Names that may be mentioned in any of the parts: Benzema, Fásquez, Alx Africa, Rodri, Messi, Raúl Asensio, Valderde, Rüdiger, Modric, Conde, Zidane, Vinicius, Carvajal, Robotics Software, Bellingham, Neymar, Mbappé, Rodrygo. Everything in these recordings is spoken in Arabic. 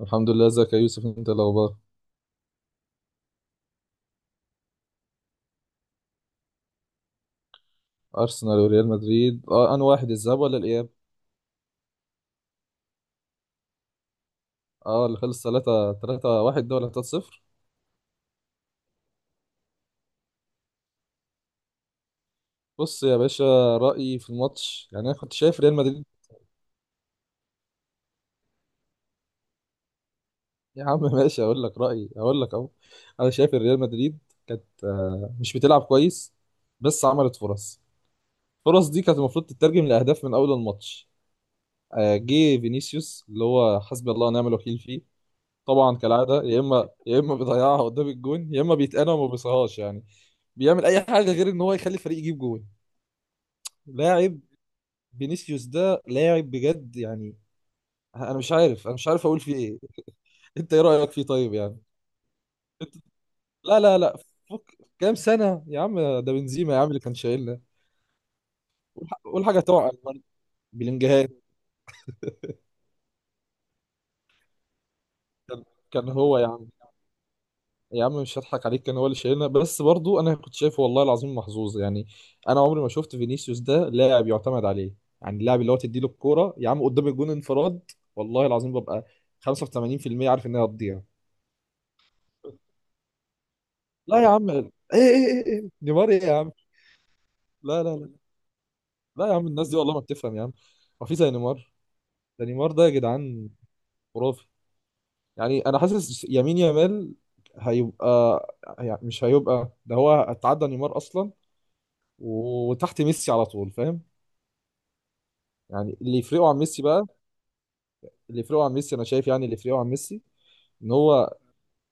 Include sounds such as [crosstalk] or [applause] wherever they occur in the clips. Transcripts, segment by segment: الحمد لله. ازيك يا يوسف؟ انت إيه الاخبار؟ ارسنال وريال مدريد. اه، انا واحد الذهاب ولا الاياب؟ اه، اللي خلص 3 3 1 ده ولا 3 0؟ بص يا باشا. رايي في الماتش يعني انا كنت شايف ريال مدريد. يا عم [laughs] ماشي. اقول لك رايي، اقول لك اهو. انا شايف ان ريال مدريد كانت مش بتلعب كويس. بس عملت فرص. الفرص دي كانت المفروض تترجم لاهداف من اول الماتش. جه فينيسيوس اللي هو حسبي الله ونعم الوكيل فيه. طبعا كالعاده، يا اما بيضيعها قدام الجون، يا اما بيتقنع وما بيصهاش يعني. بيعمل اي حاجه غير ان هو يخلي الفريق يجيب جول. لاعب. فينيسيوس ده لاعب بجد يعني. انا مش عارف اقول فيه ايه. [laughs] انت ايه رايك فيه طيب يعني؟ انت. لا لا لا. فك كام سنه يا عم، ده بنزيما يا عم اللي كان شايلنا. قول حاجه توعى. بلينجهام. كان كان هو يا عم. يا عم، مش هضحك عليك. كان هو اللي شايلنا، بس برضو انا كنت شايفه والله العظيم محظوظ يعني. انا عمري ما شفت فينيسيوس ده لاعب يعتمد عليه. يعني اللاعب اللي هو تديله الكوره يا عم قدام الجون انفراد والله العظيم ببقى 85% عارف ان هي هتضيع. لا يا عم. ايه؟ ايه؟ ايه؟ إيه؟ نيمار ايه يا عم. لا لا لا لا، يا عم الناس دي والله ما بتفهم يا عم. هو في زي نيمار؟ ده نيمار ده يا جدعان، خرافي. يعني انا حاسس يمين يامال هيبقى، يعني مش هيبقى ده، هو اتعدى نيمار اصلا وتحت ميسي على طول، فاهم؟ يعني اللي يفرقه عن ميسي بقى، اللي يفرقه عن ميسي انا شايف، يعني اللي يفرقه عن ميسي ان هو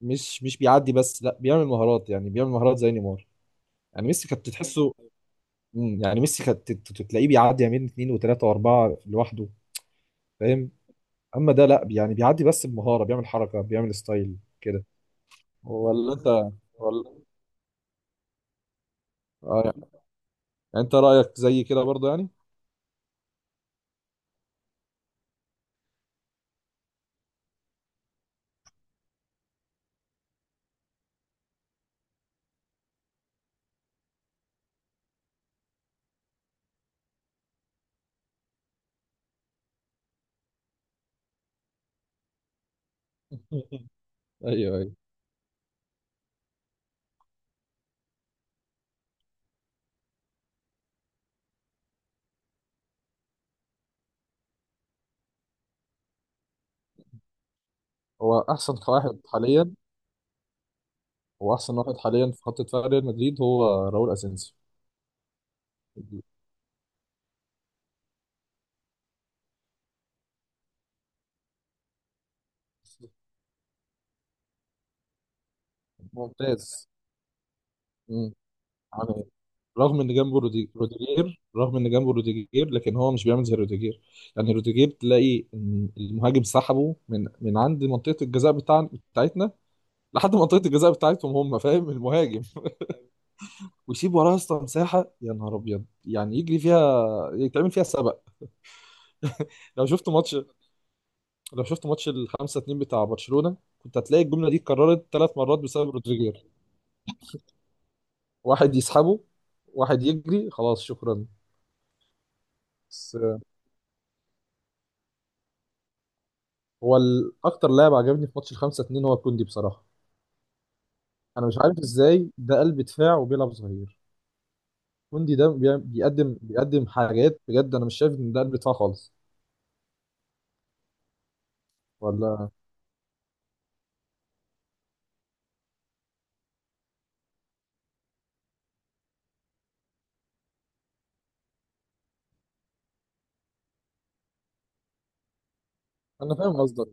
مش بيعدي بس، لا بيعمل مهارات يعني بيعمل مهارات زي نيمار. يعني ميسي كانت تحسه، يعني ميسي كانت تلاقيه بيعدي يمين اثنين وثلاثه واربعه لوحده، فاهم؟ اما ده لا، يعني بيعدي بس بمهاره، بيعمل حركه بيعمل ستايل كده. ولا انت؟ ولا، آه، يعني انت رايك زي كده برضه يعني. [laughs] ايوه، ايوه. هو احسن واحد حاليا هو احسن واحد حاليا في خط دفاع ريال مدريد هو راؤول اسينسيو. ممتاز. مم. يعني رغم ان جنبه روديجير، لكن هو مش بيعمل زي روديجير. يعني روديجير تلاقي إن المهاجم سحبه من عند منطقه الجزاء بتاعتنا لحد منطقه الجزاء بتاعتهم هم، فاهم؟ [laughs] المهاجم ويسيب وراه اصلا مساحه، يا نهار ابيض، يعني يجري فيها يتعمل فيها سبق. لو شفت ماتش لو شفت ماتش ال 5 2 بتاع برشلونه كنت هتلاقي الجمله دي اتكررت ثلاث مرات بسبب روديجير. واحد يسحبه، واحد يجري، خلاص شكرا. بس هو اكتر لاعب عجبني في ماتش ال 5-2 هو كوندي بصراحة. انا مش عارف ازاي ده قلب دفاع وبيلعب ظهير. كوندي ده بيقدم حاجات بجد، انا مش شايف ان ده قلب دفاع خالص. ولا. انا فاهم قصدك،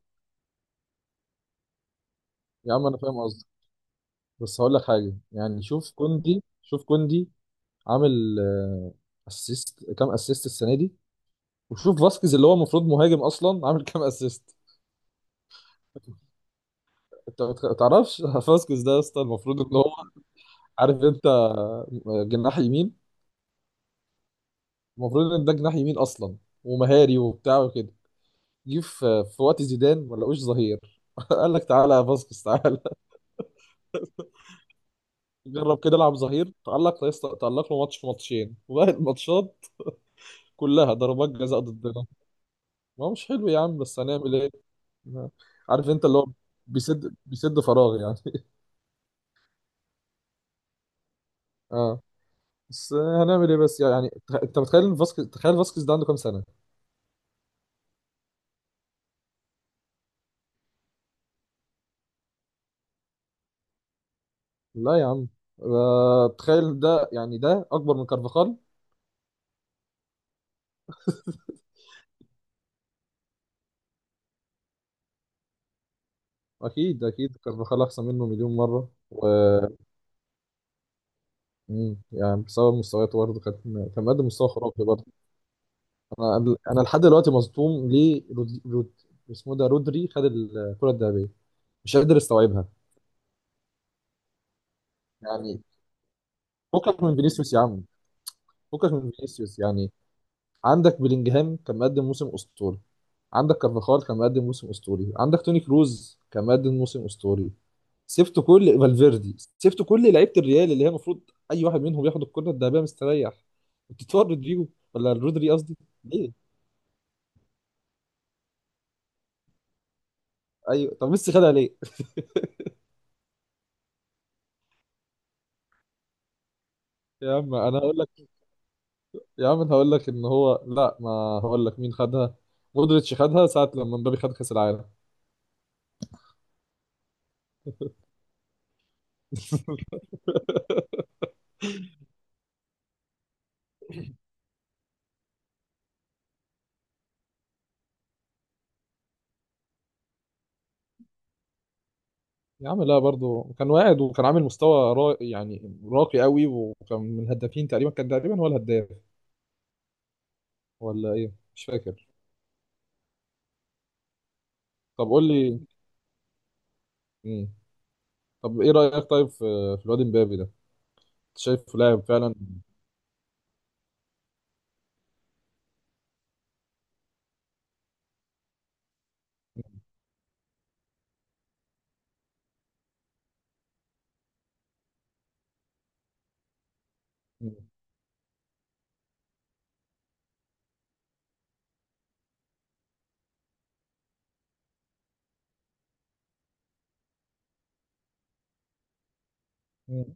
يا عم انا فاهم قصدك، بس هقول لك حاجة يعني. شوف كوندي، شوف كوندي. عامل اسيست، كام اسيست السنة دي؟ وشوف فاسكيز اللي هو المفروض مهاجم اصلا، عامل كام اسيست؟ انت ما تعرفش؟ [laughs] فاسكيز ده يا اسطى المفروض ان هو، عارف انت، جناح يمين. المفروض ان ده جناح يمين اصلا، ومهاري وبتاع وكده. جه في وقت زيدان ما لقوش ظهير. [laughs] قال لك تعالى يا فاسكيز، تعالى. [laughs] جرب كده العب ظهير. تألق لا يست- تألق له ماتش في ماتشين، وباقي الماتشات كلها ضربات جزاء ضدنا. ما هو مش حلو يا عم، بس هنعمل ايه. [laughs] عارف انت اللي هو بيسد فراغ يعني. [laughs] اه، بس هنعمل ايه، بس يعني انت متخيل إن فاسكيز تخيل فاسكيز ده عنده كام سنة؟ لا يا عم. تخيل ده، يعني ده اكبر من كارفاخال. اكيد اكيد، كارفاخال احسن منه مليون مره، و... مم. يعني بسبب مستوياته برضه كان، كان مقدم مستوى خرافي برضه. انا لحد دلوقتي مصدوم ليه اسمه ده رودري خد الكره الذهبيه، مش قادر استوعبها. يعني فكك من فينيسيوس يا عم، فكك من فينيسيوس يعني. عندك بلينجهام كان مقدم موسم اسطوري، عندك كارفاخال كان مقدم موسم اسطوري، عندك توني كروز كان مقدم موسم اسطوري. سبت كل لعيبه الريال اللي هي المفروض اي واحد منهم ياخد الكره الذهبيه مستريح. بتتفرج رودريجو، ولا رودري، قصدي. ليه؟ ايوه، طب ميسي خدها ليه؟ [laughs] يا عم انا هقول لك، ان هو لا، ما، هقول لك مين خدها. مودريتش خدها ساعه لما مبابي خد كاس العالم. [laughs] يا عم لا، برضه كان واعد وكان عامل مستوى يعني راقي قوي، وكان من الهدافين تقريبا، كان تقريبا هو الهداف، ولا ايه مش فاكر. طب قول لي. مم. طب ايه رأيك طيب في الواد امبابي ده؟ شايفه لاعب فعلا؟ مم. مم.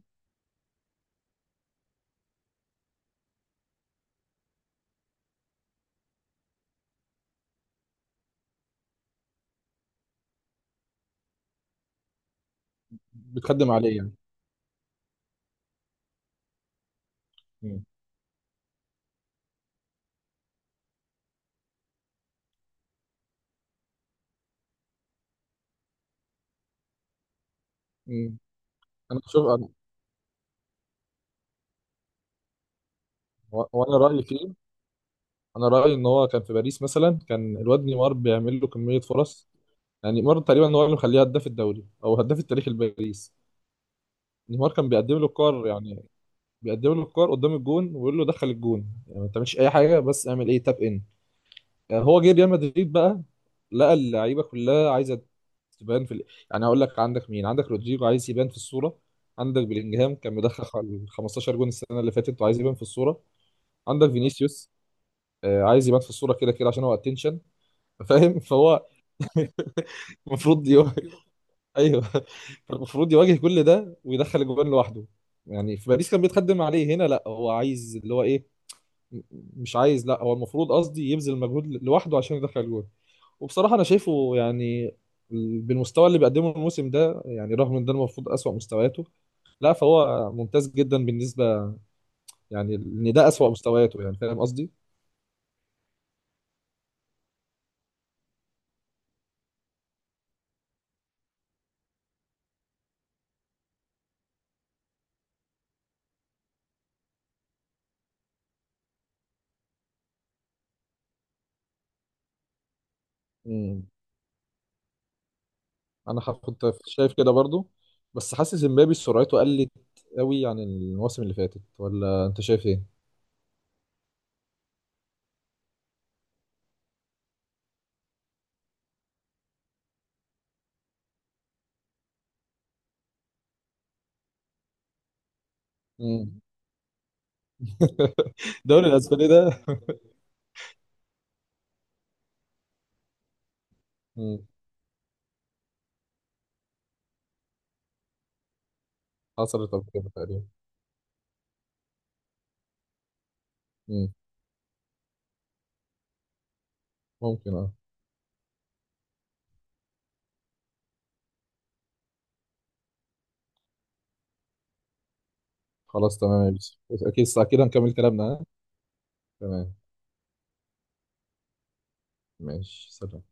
بتخدم عليه يعني. مم. مم. انا شوف انا و- وانا رأيي فيه. انا رأيي ان هو كان في باريس مثلا، كان الواد نيمار بيعمل له كمية فرص. يعني نيمار تقريبا هو اللي مخليه هداف الدوري او هداف التاريخ لباريس. نيمار كان بيقدم له كور يعني. بيقدم له الكور قدام الجون ويقول له دخل الجون، يعني ما تعملش اي حاجه، بس اعمل ايه تاب ان. يعني هو جه ريال مدريد بقى، لقى اللعيبه كلها عايزه تبان في. يعني هقول لك، عندك مين؟ عندك رودريجو عايز يبان في الصوره، عندك بلينجهام كان مدخل 15 جون السنه اللي فاتت وعايز يبان في الصوره، عندك فينيسيوس عايز يبان في الصوره كده كده عشان هو اتنشن. فاهم فهو [laughs] المفروض يواجه. ايوه، فالمفروض يواجه كل ده ويدخل الجوان لوحده. يعني في باريس كان بيتخدم عليه، هنا لا، هو عايز اللي هو ايه، مش عايز، لا هو المفروض، قصدي يبذل مجهود لوحده عشان يدخل جول. وبصراحة أنا شايفه يعني بالمستوى اللي بيقدمه الموسم ده، يعني رغم ان ده المفروض أسوأ مستوياته، لا فهو ممتاز جدا بالنسبة. يعني ان ده أسوأ مستوياته، يعني فاهم قصدي؟ مم. كنت شايف كده برضو، بس حاسس امبابي سرعته قلت قوي عن المواسم اللي فاتت، ولا انت شايف ايه؟ مم. [laughs] الدوري الاسباني ده. مم. حصلت قبل كده تقريبا. مم. ممكن، اه. خلاص تمام يا يوسف، اكيد كده نكمل كلامنا، ها؟ تمام، ماشي، سلام.